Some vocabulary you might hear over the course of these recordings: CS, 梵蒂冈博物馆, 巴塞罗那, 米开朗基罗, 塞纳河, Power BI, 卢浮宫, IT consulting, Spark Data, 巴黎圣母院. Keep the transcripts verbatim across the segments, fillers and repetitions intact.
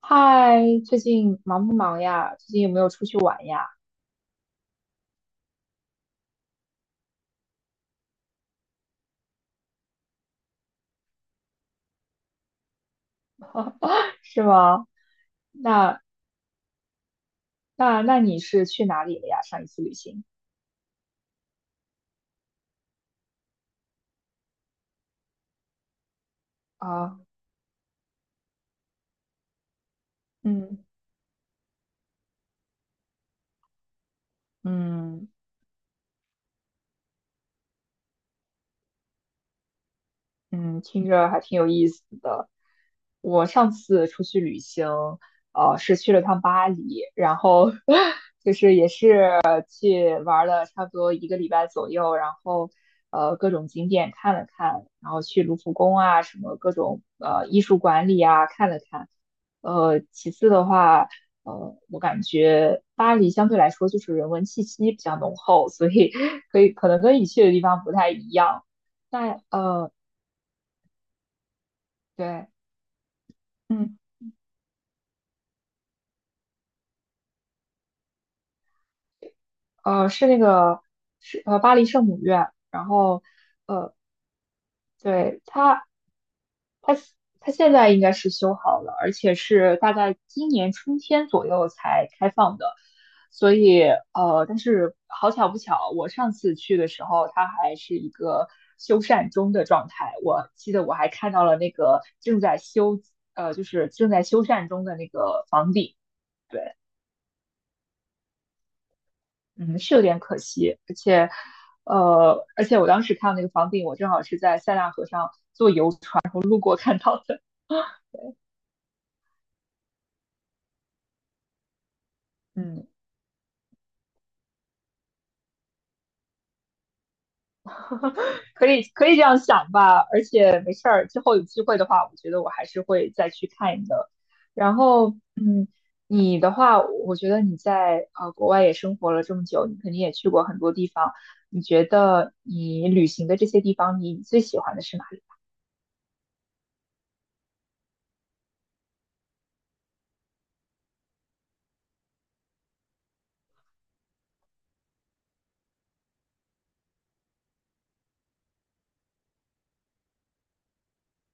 嗨，最近忙不忙呀？最近有没有出去玩呀？是吗？那那那你是去哪里了呀？上一次旅行？啊，嗯嗯，嗯，听着还挺有意思的。我上次出去旅行，呃，是去了趟巴黎，然后 就是也是去玩了差不多一个礼拜左右，然后呃各种景点看了看，然后去卢浮宫啊，什么各种呃艺术馆里啊看了看。呃，其次的话，呃，我感觉巴黎相对来说就是人文气息比较浓厚，所以 可以可能跟你去的地方不太一样。那呃，对，嗯，呃，是那个是呃巴黎圣母院，然后对它它现在应该是修好了，而且是大概今年春天左右才开放的，所以呃，但是好巧不巧，我上次去的时候，它还是一个修缮中的状态，我记得我还看到了那个正在修呃就是正在修缮中的那个房顶。对。嗯，是有点可惜，而且，呃，而且我当时看那个房顶，我正好是在塞纳河上，嗯，可以可以这样想吧，而且没事儿，之后有机会的话，我觉得我还是会再去看一的。然后，嗯，你的话，我觉得你在呃国外也生活了这么久，你肯定也去过很多地方，你觉得你旅行的这些地方，你最喜欢的是哪里？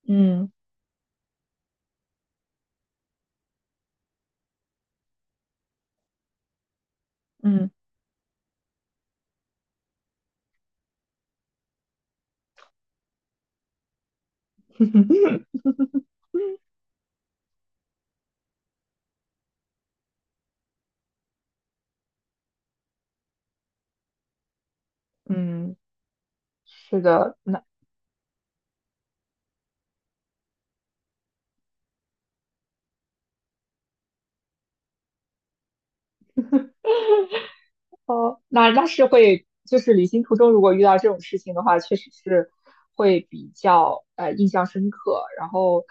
嗯嗯 嗯，是的，那。哦，那那是会，就是旅行途中如果遇到这种事情的话，确实是会比较呃印象深刻。然后，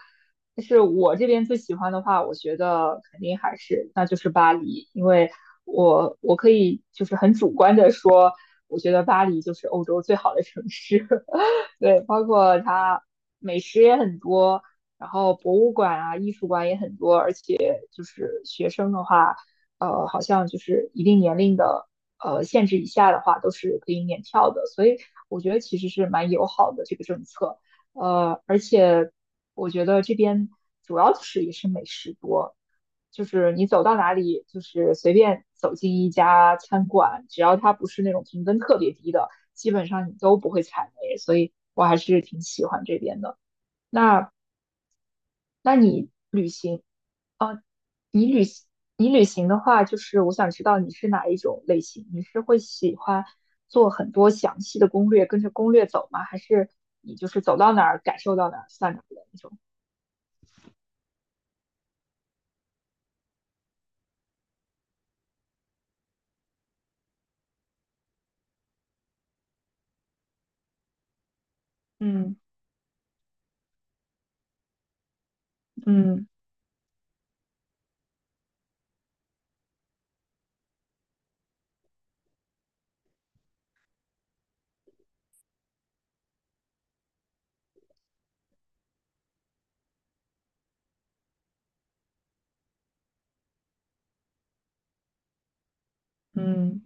但是我这边最喜欢的话，我觉得肯定还是那就是巴黎，因为我我可以就是很主观的说，我觉得巴黎就是欧洲最好的城市。对，包括它美食也很多，然后博物馆啊、艺术馆也很多，而且就是学生的话。呃，好像就是一定年龄的呃限制以下的话，都是可以免票的。所以我觉得其实是蛮友好的这个政策。呃，而且我觉得这边主要就是也是美食多，就是你走到哪里，就是随便走进一家餐馆，只要它不是那种评分特别低的，基本上你都不会踩雷。所以我还是挺喜欢这边的。那那你？旅行？你旅行，你旅行的话，就是我想知道你是哪一种类型，你是会喜欢做很多详细的攻略，跟着攻略走吗？还是你就是走到哪儿感受到哪儿算哪儿的那种？嗯嗯嗯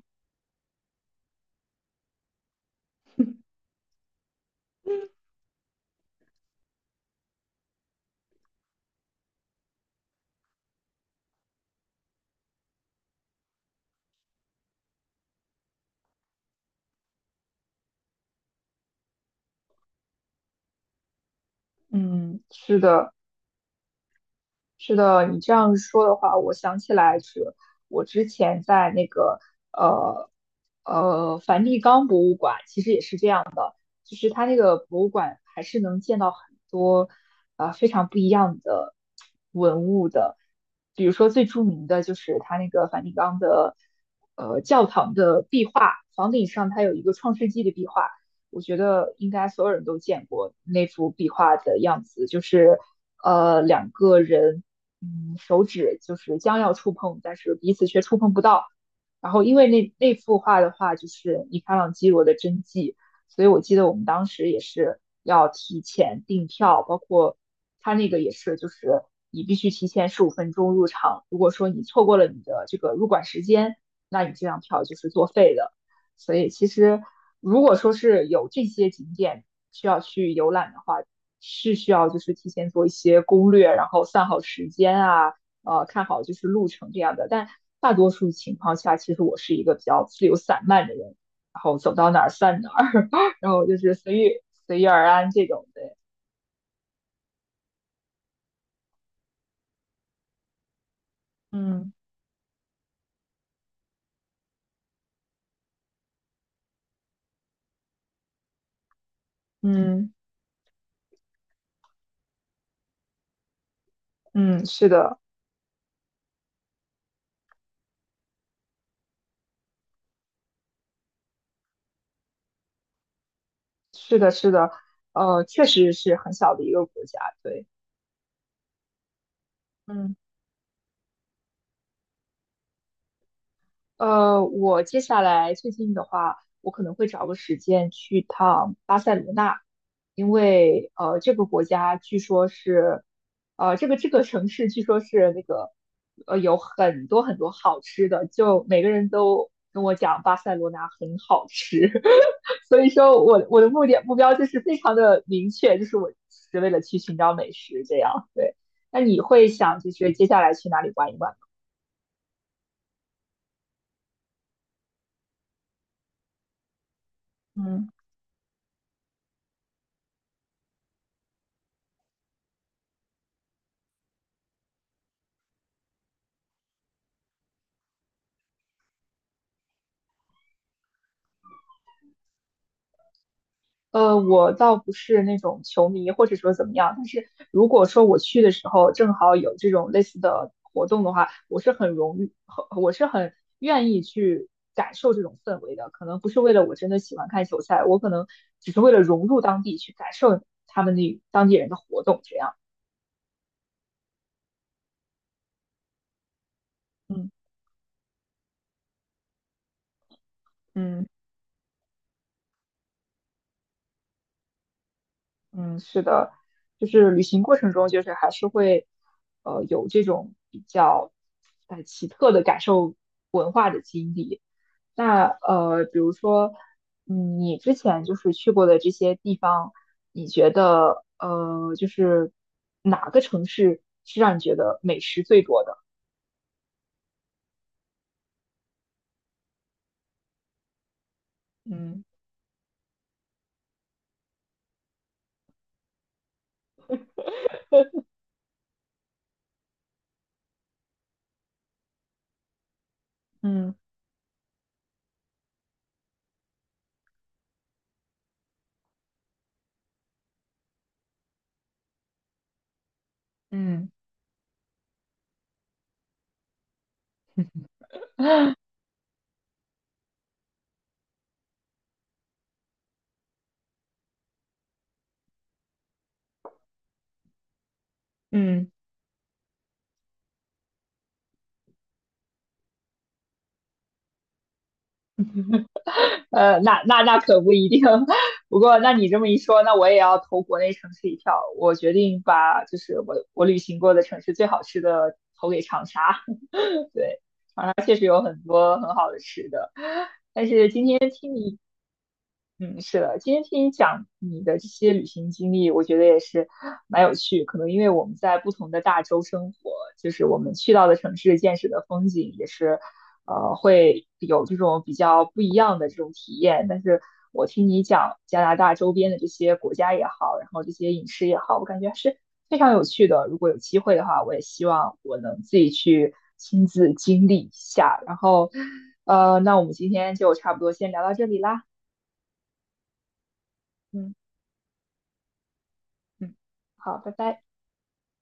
嗯，是的，是的，你这样说的话，我想起来是我之前在那个呃呃梵蒂冈博物馆，其实也是这样的，就是它那个博物馆还是能见到很多啊呃非常不一样的文物的，比如说最著名的就是它那个梵蒂冈的呃教堂的壁画，房顶上它有一个创世纪的壁画。我觉得应该所有人都见过那幅壁画的样子，就是呃两个人，嗯，手指就是将要触碰，但是彼此却触碰不到。然后因为那那幅画的话，就是米开朗基罗的真迹，所以我记得我们当时也是要提前订票，包括他那个也是，就是你必须提前十五分钟入场，如果说你错过了你的这个入馆时间，那你这张票就是作废的。所以其实如果说是有这些景点需要去游览的话，是需要就是提前做一些攻略，然后算好时间啊，呃，看好就是路程这样的。但大多数情况下，其实我是一个比较自由散漫的人，然后走到哪儿算哪儿，然后就是随遇随遇而安这种的。嗯嗯嗯，是的，是的，是的，呃，确实是很小的一个国家，对。嗯，呃，我接下来最近的话，我可能会找个时间去趟巴塞罗那，因为呃，这个国家据说是，呃，这个这个城市据说是那个，呃，有很多很多好吃的，就每个人都跟我讲巴塞罗那很好吃，所以说我我的目的目标就是非常的明确，就是我是为了去寻找美食这样。对，那你会想就是接下来去哪里玩一玩吗？嗯。呃，我倒不是那种球迷，或者说怎么样，但是如果说我去的时候正好有这种类似的活动的话，我是很容，誉，很我是很愿意去感受这种氛围的。可能不是为了我真的喜欢看球赛，我可能只是为了融入当地，去感受他们那当地人的活动这样。嗯嗯嗯，是的，就是旅行过程中，就是还是会呃有这种比较呃奇特的感受文化的经历。那呃，比如说，嗯，你之前就是去过的这些地方，你觉得呃，就是哪个城市是让你觉得美食最多的？嗯 嗯嗯嗯，呃，那那那可不一定。不过，那你这么一说，那我也要投国内城市一票。我决定把就是我我旅行过的城市最好吃的投给长沙，对，它确实有很多很好的吃的。嗯，是的，今天听你讲你的这些旅行经历，我觉得也是蛮有趣。可能因为我们在不同的大洲生活，就是我们去到的城市见识的风景也是，呃，会有这种比较不一样的这种体验。但是我听你讲加拿大周边的这些国家也好，然后这些饮食也好，我感觉还是非常有趣的。如果有机会的话，我也希望我能自己去亲自经历一下。然后，呃，那我们今天就差不多先聊到这里啦。嗯。嗯，好，拜拜。